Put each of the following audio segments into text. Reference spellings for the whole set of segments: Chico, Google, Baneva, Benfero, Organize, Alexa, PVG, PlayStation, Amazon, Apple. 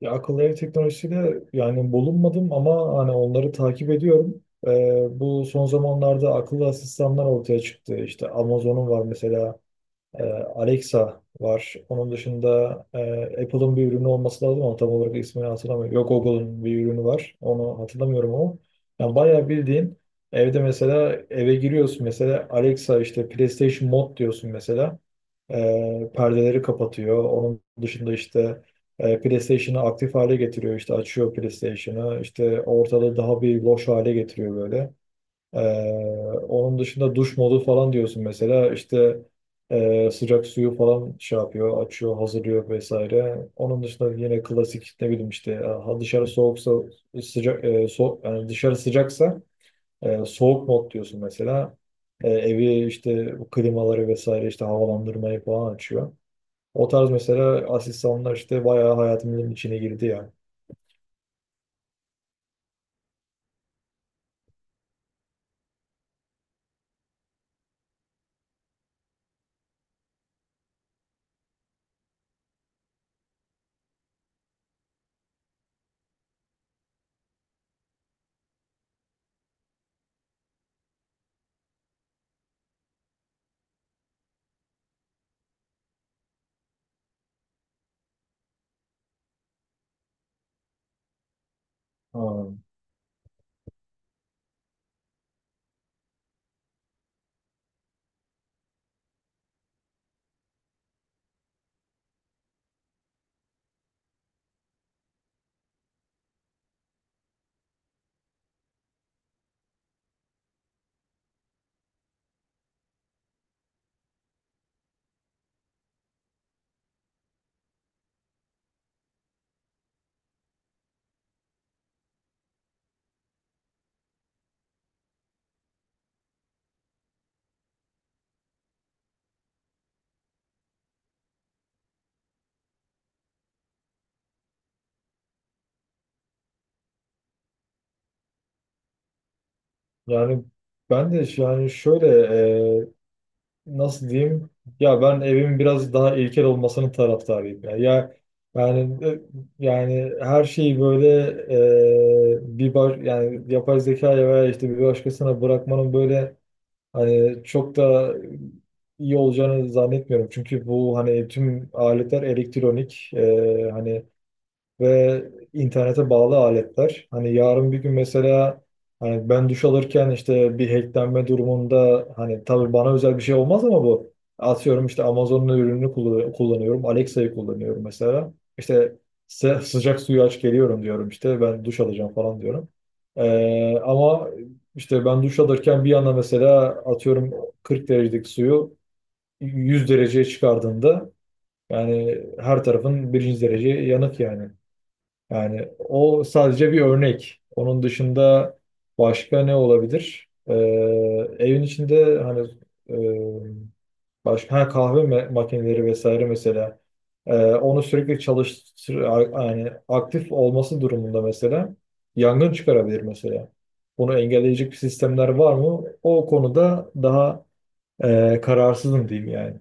Ya akıllı ev teknolojisiyle yani bulunmadım ama hani onları takip ediyorum. Bu son zamanlarda akıllı asistanlar ortaya çıktı. İşte Amazon'un var mesela, ee, Alexa var. Onun dışında e, Apple'ın bir ürünü olması lazım ama tam olarak ismini hatırlamıyorum. Yok, Google'ın bir ürünü var. Onu hatırlamıyorum ama. Yani bayağı bildiğin evde mesela, eve giriyorsun mesela, Alexa işte PlayStation Mod diyorsun mesela. Perdeleri kapatıyor. Onun dışında işte PlayStation'ı aktif hale getiriyor. İşte açıyor PlayStation'ı. İşte ortalığı daha bir loş hale getiriyor böyle. Ee, onun dışında duş modu falan diyorsun mesela, işte sıcak suyu falan şey yapıyor, açıyor, hazırlıyor vesaire. Onun dışında yine klasik ne bileyim işte, ha, dışarı soğuksa sıcak yani dışarı sıcaksa soğuk mod diyorsun mesela. Evi işte, bu klimaları vesaire, işte havalandırmayı falan açıyor. O tarz mesela asistanlar işte bayağı hayatımızın içine girdi ya. Ha, yani yani şöyle, e, nasıl diyeyim, ya ben evimin biraz daha ilkel olmasının taraftarıyım ya. Ya yani, yani her şeyi böyle bir baş, yani yapay zekaya veya işte bir başkasına bırakmanın böyle hani çok da iyi olacağını zannetmiyorum. Çünkü bu hani tüm aletler elektronik. Hani ve internete bağlı aletler. Hani yarın bir gün mesela, hani ben duş alırken işte bir hacklenme durumunda hani tabii bana özel bir şey olmaz ama bu, atıyorum işte Amazon'un ürününü kullanıyorum. Alexa'yı kullanıyorum mesela. İşte sıcak suyu aç geliyorum diyorum, işte ben duş alacağım falan diyorum. Ama işte ben duş alırken bir yana mesela atıyorum 40 derecelik suyu 100 dereceye çıkardığında, yani her tarafın birinci derece yanık yani. Yani o sadece bir örnek. Onun dışında başka ne olabilir? Evin içinde hani e, başka ha, makineleri vesaire mesela. Onu sürekli yani aktif olması durumunda mesela yangın çıkarabilir mesela. Bunu engelleyecek sistemler var mı? O konuda daha kararsızım diyeyim yani.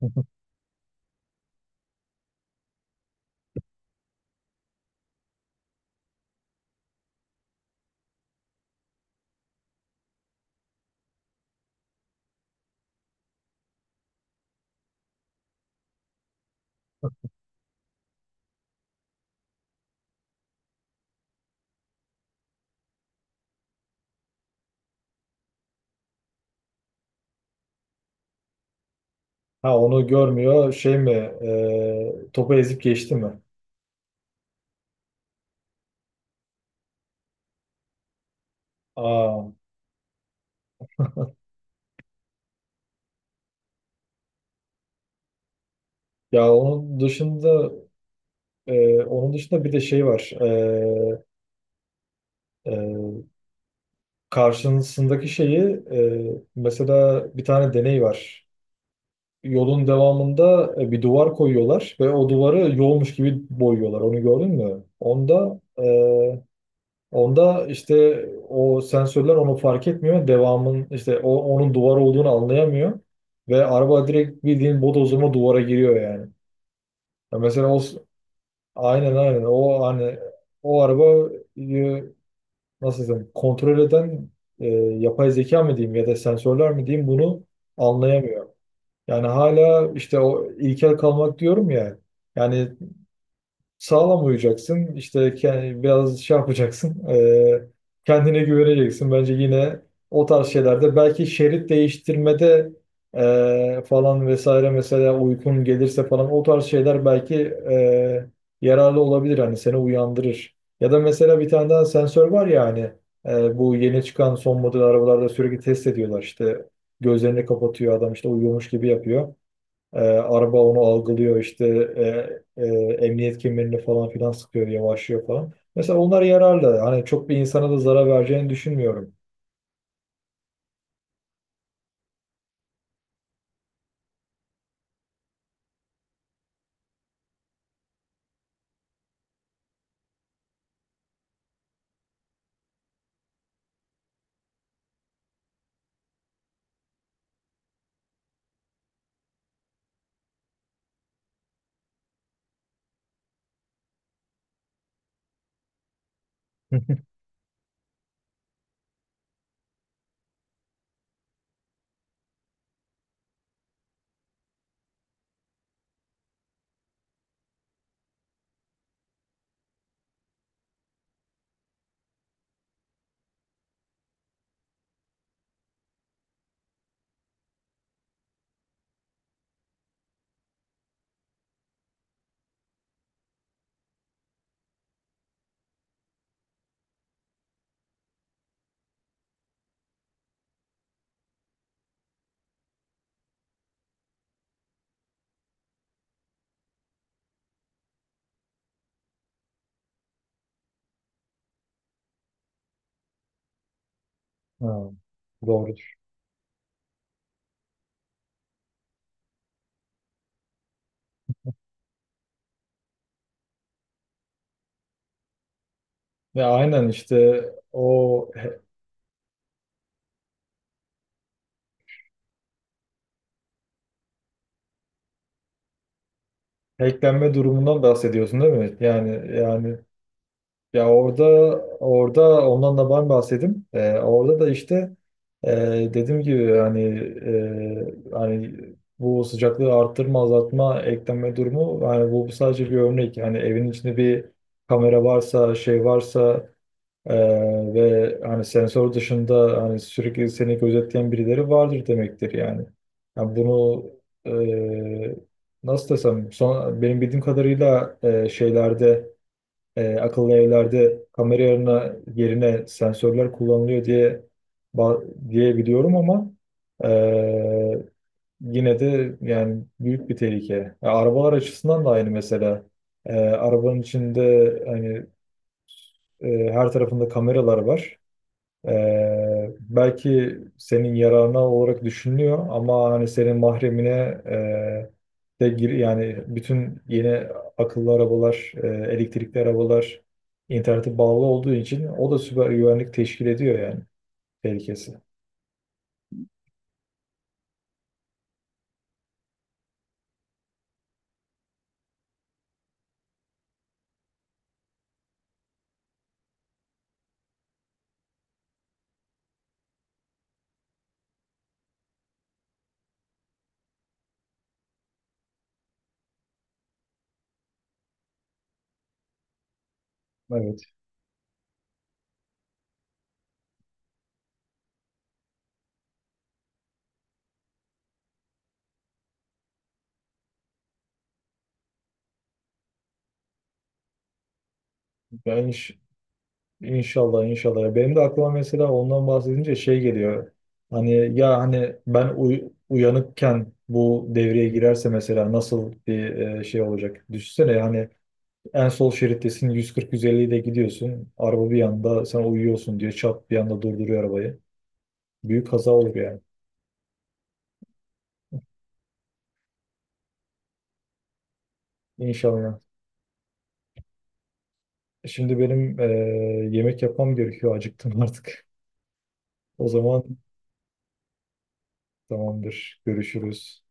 Ha, onu görmüyor. Şey mi? Topu ezip geçti mi? Aa, ya onun dışında onun dışında bir de şey var. E, karşısındaki şeyi, e, mesela bir tane deney var. Yolun devamında bir duvar koyuyorlar ve o duvarı yolmuş gibi boyuyorlar. Onu gördün mü? Onda işte o sensörler onu fark etmiyor. Devamın işte o, onun duvar olduğunu anlayamıyor. Ve araba direkt bildiğin bodozuma duvara giriyor yani. Ya mesela aynen aynen o hani, o araba e, nasıl desem kontrol eden yapay zeka mı diyeyim ya da sensörler mi diyeyim, bunu anlayamıyor. Yani hala işte o ilkel kalmak diyorum ya. Yani sağlam uyuyacaksın. İşte biraz şey yapacaksın. Kendine güveneceksin. Bence yine o tarz şeylerde belki şerit değiştirmede falan vesaire, mesela uykun gelirse falan o tarz şeyler belki e, yararlı olabilir. Hani seni uyandırır. Ya da mesela bir tane daha sensör var ya hani, bu yeni çıkan son model arabalarda sürekli test ediyorlar. İşte gözlerini kapatıyor adam, işte uyuyormuş gibi yapıyor. Araba onu algılıyor, işte e, e, emniyet kemerini falan filan sıkıyor, yavaşlıyor falan. Mesela onlar yararlı. Hani çok bir insana da zarar vereceğini düşünmüyorum. Ha, doğrudur. Ya aynen işte o he- hacklenme durumundan bahsediyorsun değil mi? Yani yani ya orada, orada ondan da ben bahsedeyim. Orada da işte, e, dediğim gibi hani, hani bu sıcaklığı arttırma, azaltma, ekleme durumu, yani bu sadece bir örnek. Yani evin içinde bir kamera varsa, şey varsa, e, ve hani sensör dışında hani sürekli seni gözetleyen birileri vardır demektir yani. Yani bunu e, nasıl desem son, benim bildiğim kadarıyla şeylerde, akıllı evlerde kamera yerine, yerine sensörler kullanılıyor diye biliyorum ama e, yine de yani büyük bir tehlike. Ya arabalar açısından da aynı mesela. Arabanın içinde hani her tarafında kameralar var. Belki senin yararına olarak düşünülüyor ama hani senin mahremine de gir, yani bütün yeni akıllı arabalar, elektrikli arabalar internete bağlı olduğu için o da süper güvenlik teşkil ediyor yani, tehlikesi. Evet. Ben hiç İnşallah inşallah. Benim de aklıma mesela ondan bahsedince şey geliyor. Hani, ya hani ben uyanıkken bu devreye girerse mesela nasıl bir şey olacak? Düşünsene hani en sol şerittesin, 140-150 ile gidiyorsun. Araba bir yanda sen uyuyorsun diye çat bir anda durduruyor arabayı. Büyük kaza olur yani. İnşallah. Şimdi benim yemek yapmam gerekiyor. Acıktım artık. O zaman tamamdır. Görüşürüz.